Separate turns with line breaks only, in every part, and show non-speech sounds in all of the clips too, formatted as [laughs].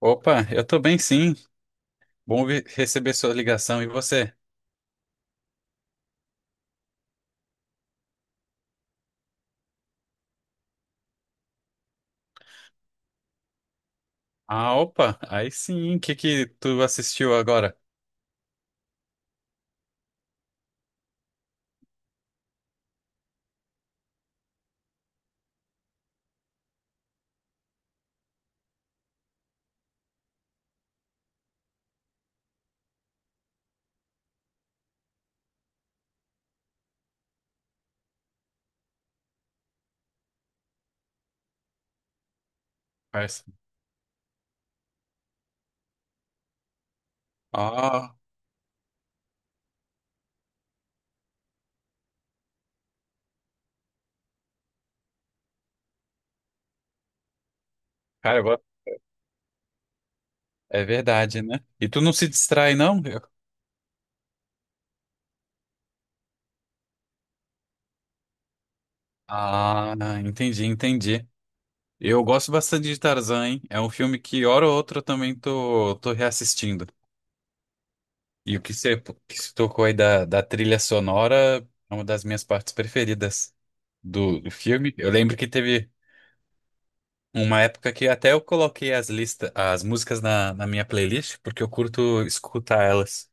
Opa, eu tô bem sim. Receber sua ligação. E você? Ah, opa, aí sim. O que que tu assistiu agora, parça? Ah, cara, agora- É verdade, né? E tu não se distrai, não? Ah, entendi. Eu gosto bastante de Tarzan, hein? É um filme que, hora ou outra, eu também tô reassistindo. E o que você que se tocou aí da trilha sonora é uma das minhas partes preferidas do filme. Eu lembro que teve. Uma época que até eu coloquei as listas, as músicas na minha playlist, porque eu curto escutar elas.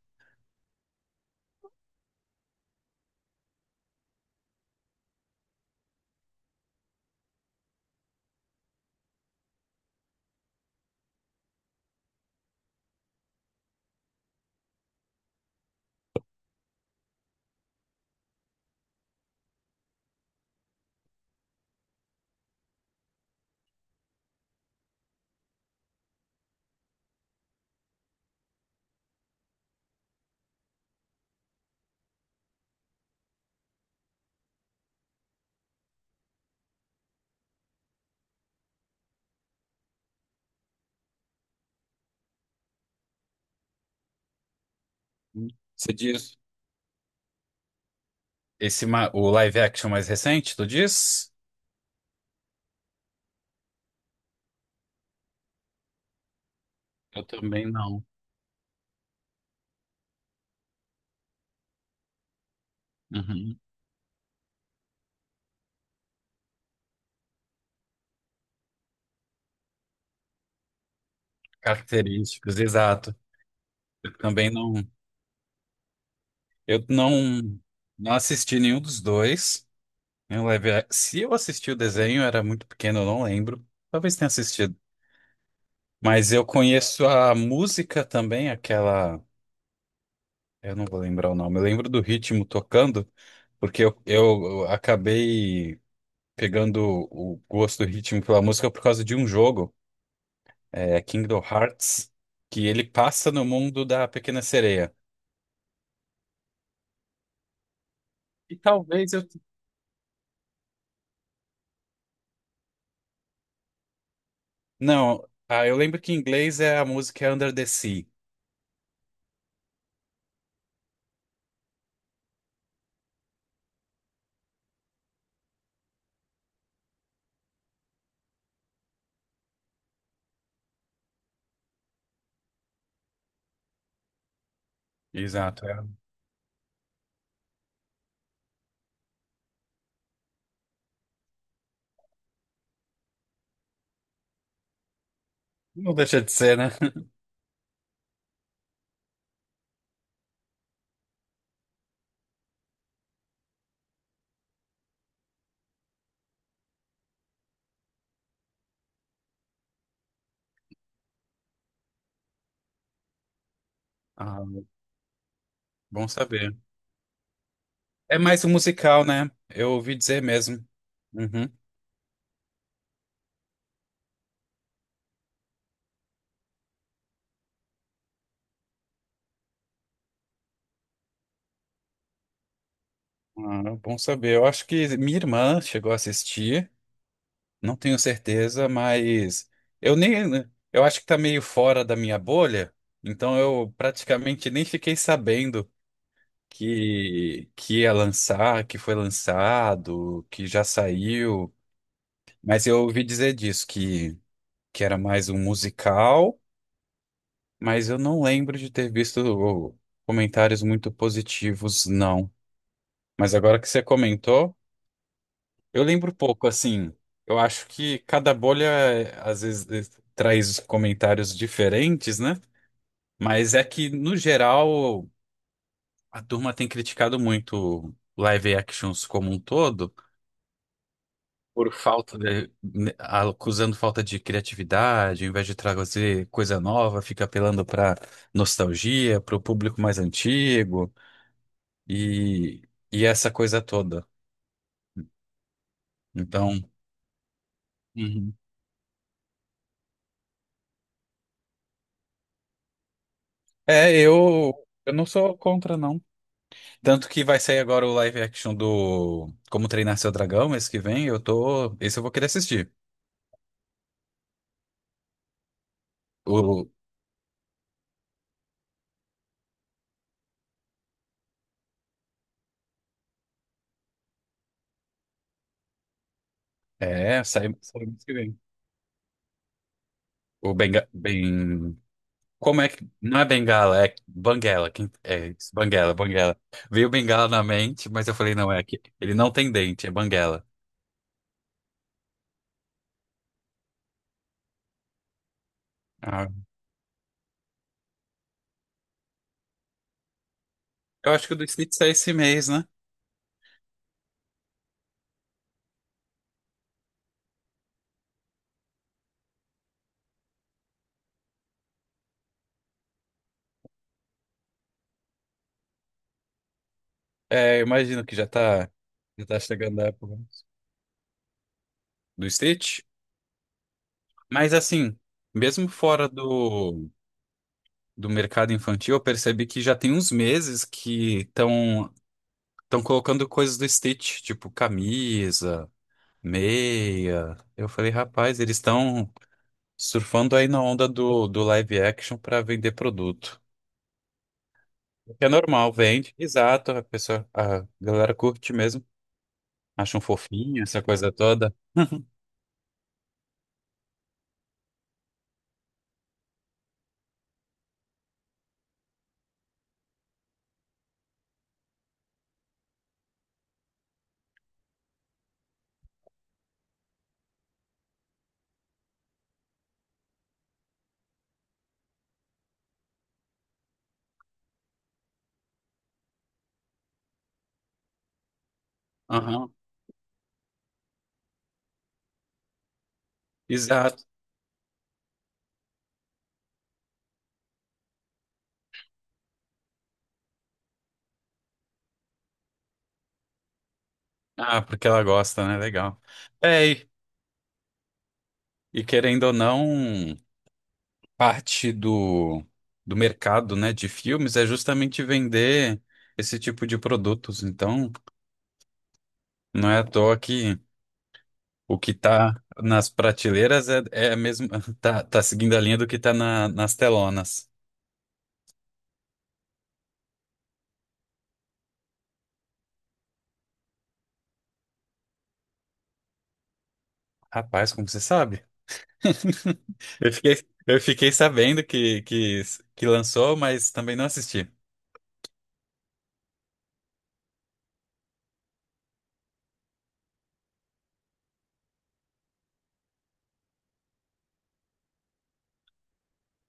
Você diz? Esse, o live action mais recente, tu diz? Eu também não. Uhum. Características, exato. Eu também não. Eu não, Não assisti nenhum dos dois. Se eu assisti o desenho, era muito pequeno, eu não lembro. Talvez tenha assistido. Mas eu conheço a música também, aquela. Eu não vou lembrar o nome. Eu lembro do ritmo tocando, porque eu acabei pegando o gosto do ritmo pela música por causa de um jogo, é, Kingdom Hearts, que ele passa no mundo da Pequena Sereia. E talvez eu. Não, ah, eu lembro que em inglês a música é Under the Sea. Exato. É. Não deixa de ser, né? [laughs] Ah, bom saber. É mais um musical, né? Eu ouvi dizer mesmo. Uhum. Ah, bom saber. Eu acho que minha irmã chegou a assistir. Não tenho certeza, mas eu nem, né, eu acho que tá meio fora da minha bolha, então eu praticamente nem fiquei sabendo que ia lançar, que foi lançado, que já saiu, mas eu ouvi dizer disso que era mais um musical, mas eu não lembro de ter visto oh, comentários muito positivos, não. Mas agora que você comentou. Eu lembro pouco, assim. Eu acho que cada bolha às vezes traz comentários diferentes, né? Mas é que, no geral, a turma tem criticado muito live actions como um todo, por falta de, né, acusando falta de criatividade, ao invés de trazer coisa nova, fica apelando para nostalgia, para o público mais antigo e, e essa coisa toda. Então, uhum, é, eu não sou contra, não. Tanto que vai sair agora o live action do Como Treinar Seu Dragão mês que vem. Eu tô. Esse eu vou querer assistir. O... É, sai mês que vem. O Benga... Ben... Como é que. Não é Bengala, é Banguela. Quem... É isso, Banguela. Veio Bengala na mente, mas eu falei, não, é aqui. Ele não tem dente, é Banguela. Ah, eu acho que o do Stitch sai esse mês, né? É, eu imagino que já tá. Já tá chegando a época do Stitch. Mas assim, mesmo fora do mercado infantil, eu percebi que já tem uns meses que estão colocando coisas do Stitch, tipo camisa, meia. Eu falei, rapaz, eles estão surfando aí na onda do live action para vender produto. É normal, vende. Exato, a pessoa, a galera curte mesmo, acham fofinho essa coisa toda. Aham, exato. Ah, porque ela gosta, né? Legal. É, e querendo ou não. Parte do mercado, né, de filmes é justamente vender esse tipo de produtos. Então, não é à toa que o que está nas prateleiras é a mesma, [laughs] tá seguindo a linha do que está nas telonas. Rapaz, como você sabe? [laughs] Eu fiquei sabendo que lançou, mas também não assisti.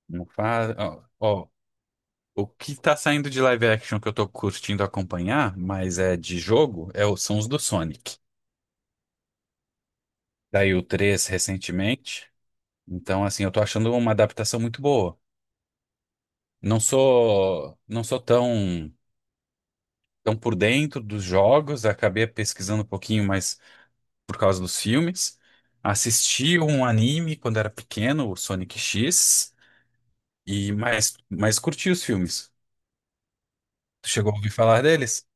Não faz, ó, ó, o que tá saindo de live action que eu tô curtindo acompanhar, mas é de jogo, é, são os do Sonic. Daí o 3 recentemente. Então, assim, eu tô achando uma adaptação muito boa. Não sou tão, tão por dentro dos jogos, acabei pesquisando um pouquinho mais por causa dos filmes. Assisti um anime quando era pequeno, o Sonic X, e mais, mais curti os filmes. Tu chegou a ouvir falar deles?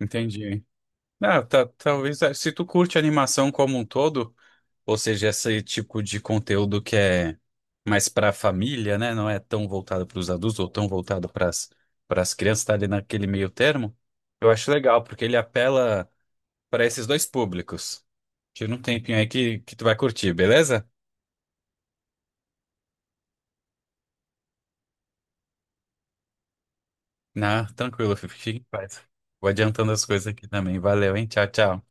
Entendi. Não, tá- talvez eh, se tu curte animação como um todo, ou seja, esse tipo de conteúdo que é mais para a família, né? Não é tão voltado para os adultos ou tão voltado para as crianças, tá ali naquele meio termo. Eu acho legal, porque ele apela para esses dois públicos. Tira um tempinho aí que tu vai curtir, beleza? Na, tranquilo, fica em paz. Vou adiantando as coisas aqui também. Valeu, hein? Tchau, tchau.